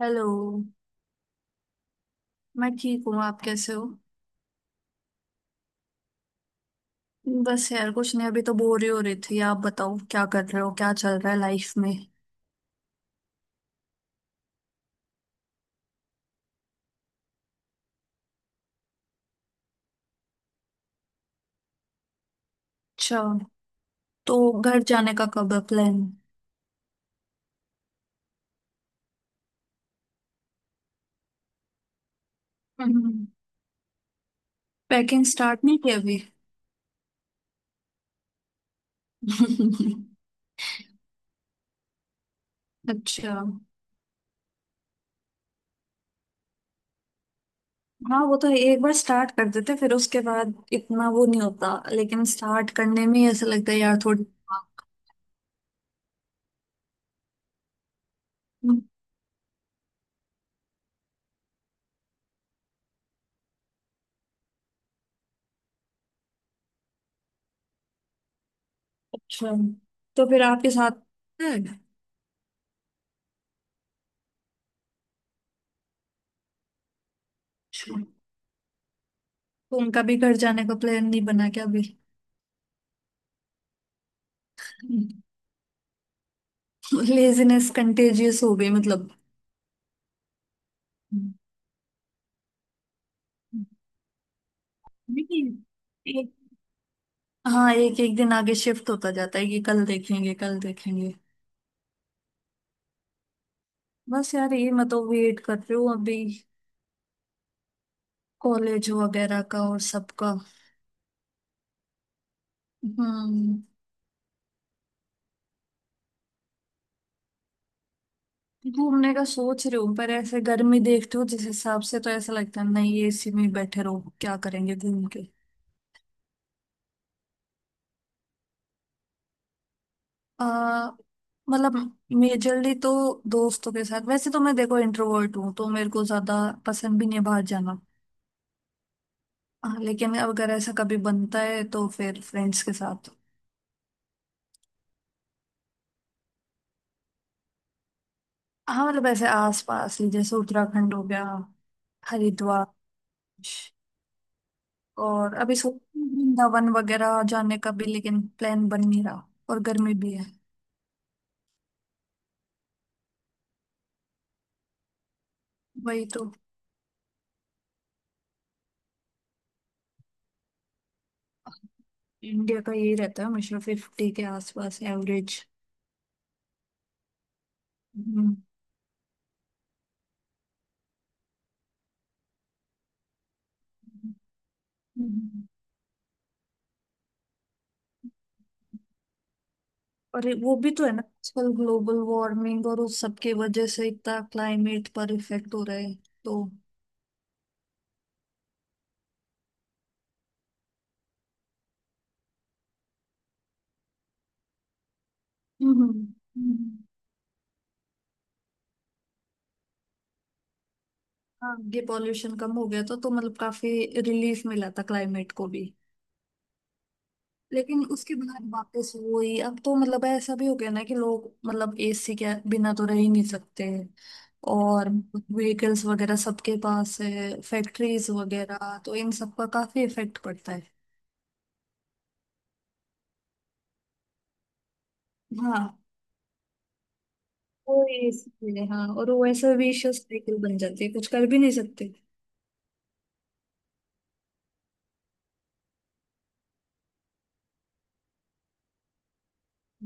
Hello. मैं ठीक हूँ। आप कैसे हो? बस यार, कुछ नहीं। अभी तो बोर ही हो रही थी। आप बताओ, क्या कर रहे हो, क्या चल रहा है लाइफ में? अच्छा। तो घर जाने का कब है प्लान? पैकिंग स्टार्ट नहीं की अभी? अच्छा। हाँ वो तो है, एक बार स्टार्ट कर देते फिर उसके बाद इतना वो नहीं होता, लेकिन स्टार्ट करने में ही ऐसा लगता है यार थोड़ी। हम्म। अच्छा। तो फिर आपके साथ है? अच्छा। तो उनका भी घर जाने का प्लान नहीं बना क्या अभी? लेजीनेस कंटेजियस हो गई मतलब। लेकिन एक हाँ, एक एक दिन आगे शिफ्ट होता जाता है कि कल देखेंगे, कल देखेंगे। बस यार, ये मैं तो वेट कर रही हूँ अभी कॉलेज वगैरह का और सबका। हम्म। घूमने का सोच रही हूँ, पर ऐसे गर्मी देखती हूँ जिस हिसाब से, तो ऐसा लगता है नहीं एसी में ही बैठे रहो, क्या करेंगे घूम के। आ, मतलब मेजरली तो दोस्तों के साथ, वैसे तो मैं देखो इंट्रोवर्ट हूँ तो मेरे को ज्यादा पसंद भी नहीं है बाहर जाना। हाँ, लेकिन अगर ऐसा कभी बनता है तो फिर फ्रेंड्स के साथ। हाँ, मतलब ऐसे आस पास ही, जैसे उत्तराखंड हो गया, हरिद्वार। और अभी सोच रही हूँ वृंदावन वगैरह जाने का भी, लेकिन प्लान बन नहीं रहा और गर्मी भी है। वही तो। इंडिया का यही रहता है, हमेशा 50 के आसपास एवरेज। हम्म। और वो भी तो है ना, आजकल ग्लोबल वार्मिंग और उस सब की वजह से इतना क्लाइमेट पर इफेक्ट हो रहा है तो। हम्म। हम्म। हम्म। हाँ, ये पॉल्यूशन कम हो गया था तो मतलब काफी रिलीफ मिला था क्लाइमेट को भी। लेकिन उसके बाद वापस वही, अब तो मतलब ऐसा भी हो गया ना कि लोग मतलब एसी के बिना तो रह ही नहीं सकते। और व्हीकल्स वगैरह सबके पास है, फैक्ट्रीज वगैरह, तो इन सब का काफी इफेक्ट पड़ता है। हाँ वो एसी है, हाँ, और वो ऐसा विशियस साइकिल बन जाती है, कुछ कर भी नहीं सकते।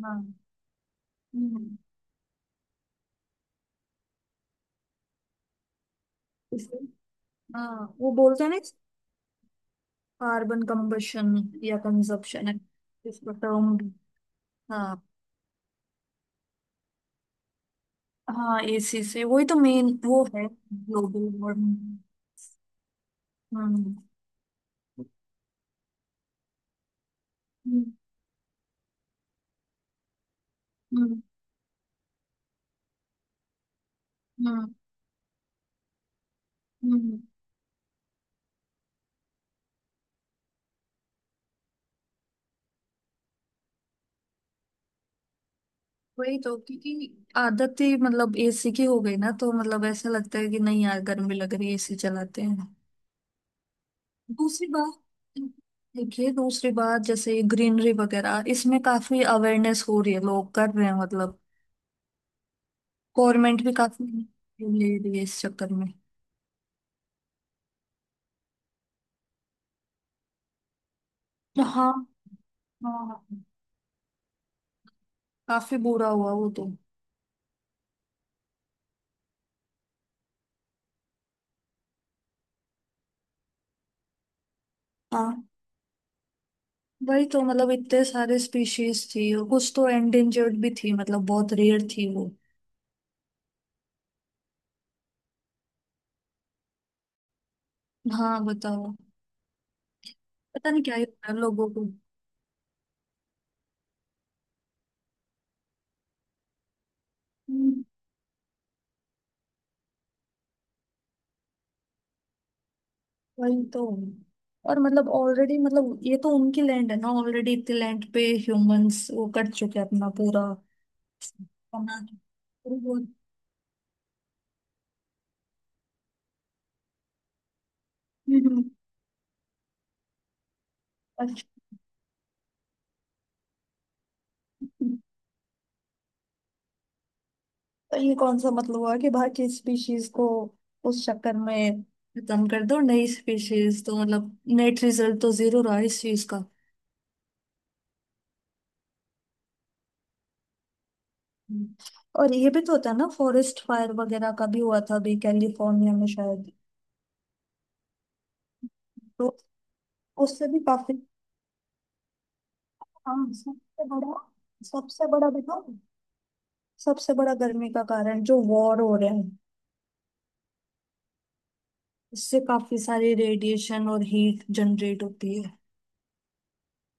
हाँ। हम्म। इसलिए- हाँ, वो बोलते हैं ना, कार्बन कंबशन या कंजप्शन है इसका टर्म भी। हाँ हाँ, एसी से वही तो मेन वो है। Global warming. हम्म। हम्म। हम्म। हम्म। हम्म। हम्म, वही तो, क्योंकि आदत ही मतलब एसी की हो गई ना, तो मतलब ऐसा लगता है कि नहीं यार गर्मी लग रही है एसी चलाते हैं। दूसरी बात, देखिए दूसरी बात, जैसे ग्रीनरी वगैरह इसमें काफी अवेयरनेस हो रही है, लोग कर रहे हैं मतलब, गवर्नमेंट भी काफी ले रही है इस चक्कर में तो। हाँ हाँ हाँ, काफी बुरा हुआ वो तो। हाँ वही तो, मतलब इतने सारे स्पीशीज थी और कुछ तो एंडेंजर्ड भी थी मतलब, बहुत रेयर थी वो। हाँ बताओ। पता नहीं क्या ही होता है लोगों को। हम्म, वही तो। और मतलब ऑलरेडी मतलब, ये तो उनकी लैंड है ना, ऑलरेडी इतने लैंड पे ह्यूमंस वो कर चुके हैं अपना पूरा बना। हम्म। हम्म। अच्छा। तो ये कौन सा मतलब हुआ कि बाकी स्पीशीज को उस चक्कर में खत्म कर दो, नई स्पीशीज, तो मतलब नेट रिजल्ट तो 0 रहा इस चीज का। हम्म। और ये भी तो होता है ना, फॉरेस्ट फायर वगैरह का भी हुआ था अभी कैलिफोर्निया में शायद। तो उससे भी काफी। हाँ सबसे बड़ा, सबसे बड़ा बताओ, सबसे बड़ा गर्मी का कारण जो वॉर हो रहे हैं, इससे काफी सारी रेडिएशन और हीट जनरेट होती है।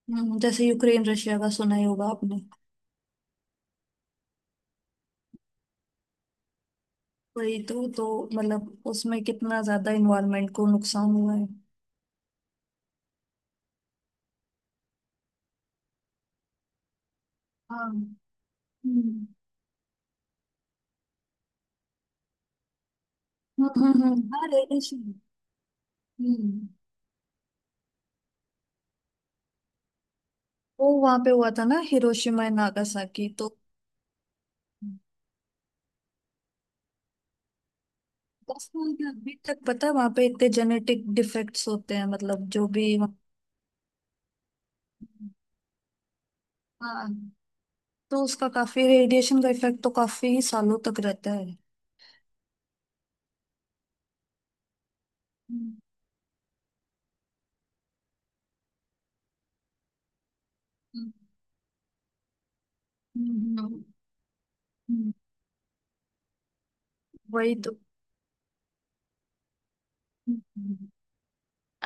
जैसे यूक्रेन रशिया का सुना ही होगा आपने। वही तो। तो मतलब उसमें कितना ज्यादा इन्वायरमेंट को नुकसान हुआ है। हाँ। हम्म। हम्म। हम्म। हम्म। हाँ, रेडिएशन। हम्म, वो वहां पे हुआ था ना, हिरोशिमा एंड नागासाकी तो। हम्म। बस मुझे क्या, अभी तक पता है वहां पे इतने जेनेटिक डिफेक्ट्स होते हैं, मतलब जो भी हाँ, तो उसका काफी रेडिएशन का इफेक्ट तो काफी सालों तक रहता है। हम्म। हम्म। हम्म। हम्म। वही तो। हम्म।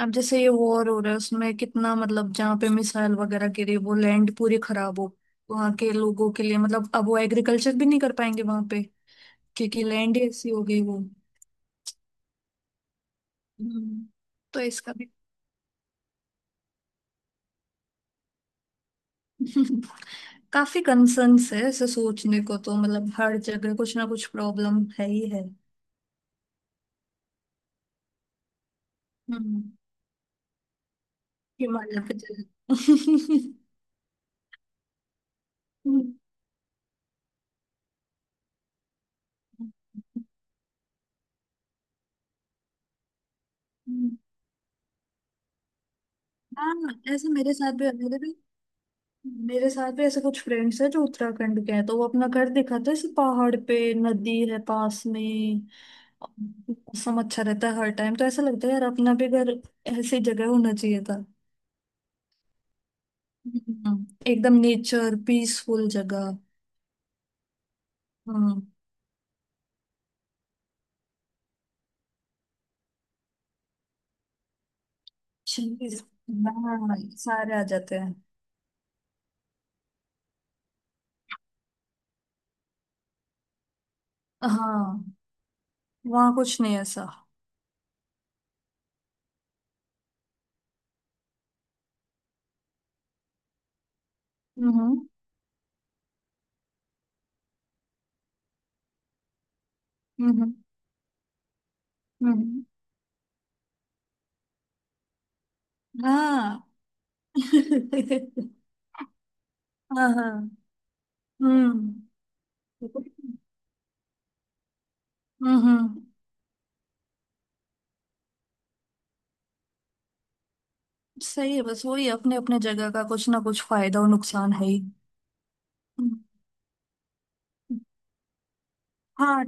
अब जैसे ये वॉर हो रहा है उसमें कितना मतलब जहाँ पे मिसाइल वगैरह गिरी वो लैंड पूरी खराब हो, वहां के लोगों के लिए मतलब अब वो एग्रीकल्चर भी नहीं कर पाएंगे वहां पे, क्योंकि लैंड ही ऐसी हो गई वो। हम्म, तो इसका भी। काफी कंसर्न्स है ऐसे सोचने को तो, मतलब हर जगह कुछ ना कुछ प्रॉब्लम है ही है। हम्म। हिमालय पे चले। हाँ, ऐसा मेरे साथ भी ऐसे कुछ फ्रेंड्स हैं जो उत्तराखंड के हैं, तो वो अपना घर दिखाते हैं, ऐसे पहाड़ पे, नदी है पास में, मौसम अच्छा रहता है हर टाइम, तो ऐसा लगता है यार अपना भी घर ऐसी जगह होना चाहिए था। एकदम नेचर, पीसफुल जगह। हाँ। चीज। हाँ, सारे आ जाते हैं। हाँ, वहाँ कुछ नहीं ऐसा। हम्म। हम्म। हम्म। हाँ। हाँ हाँ। हम्म। हम्म। हम्म। सही है, बस वही, अपने अपने जगह का कुछ ना कुछ फायदा और नुकसान है ही। हम्म। हाँ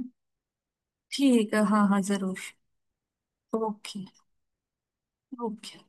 ठीक है, हाँ हाँ जरूर। ओके। ओके।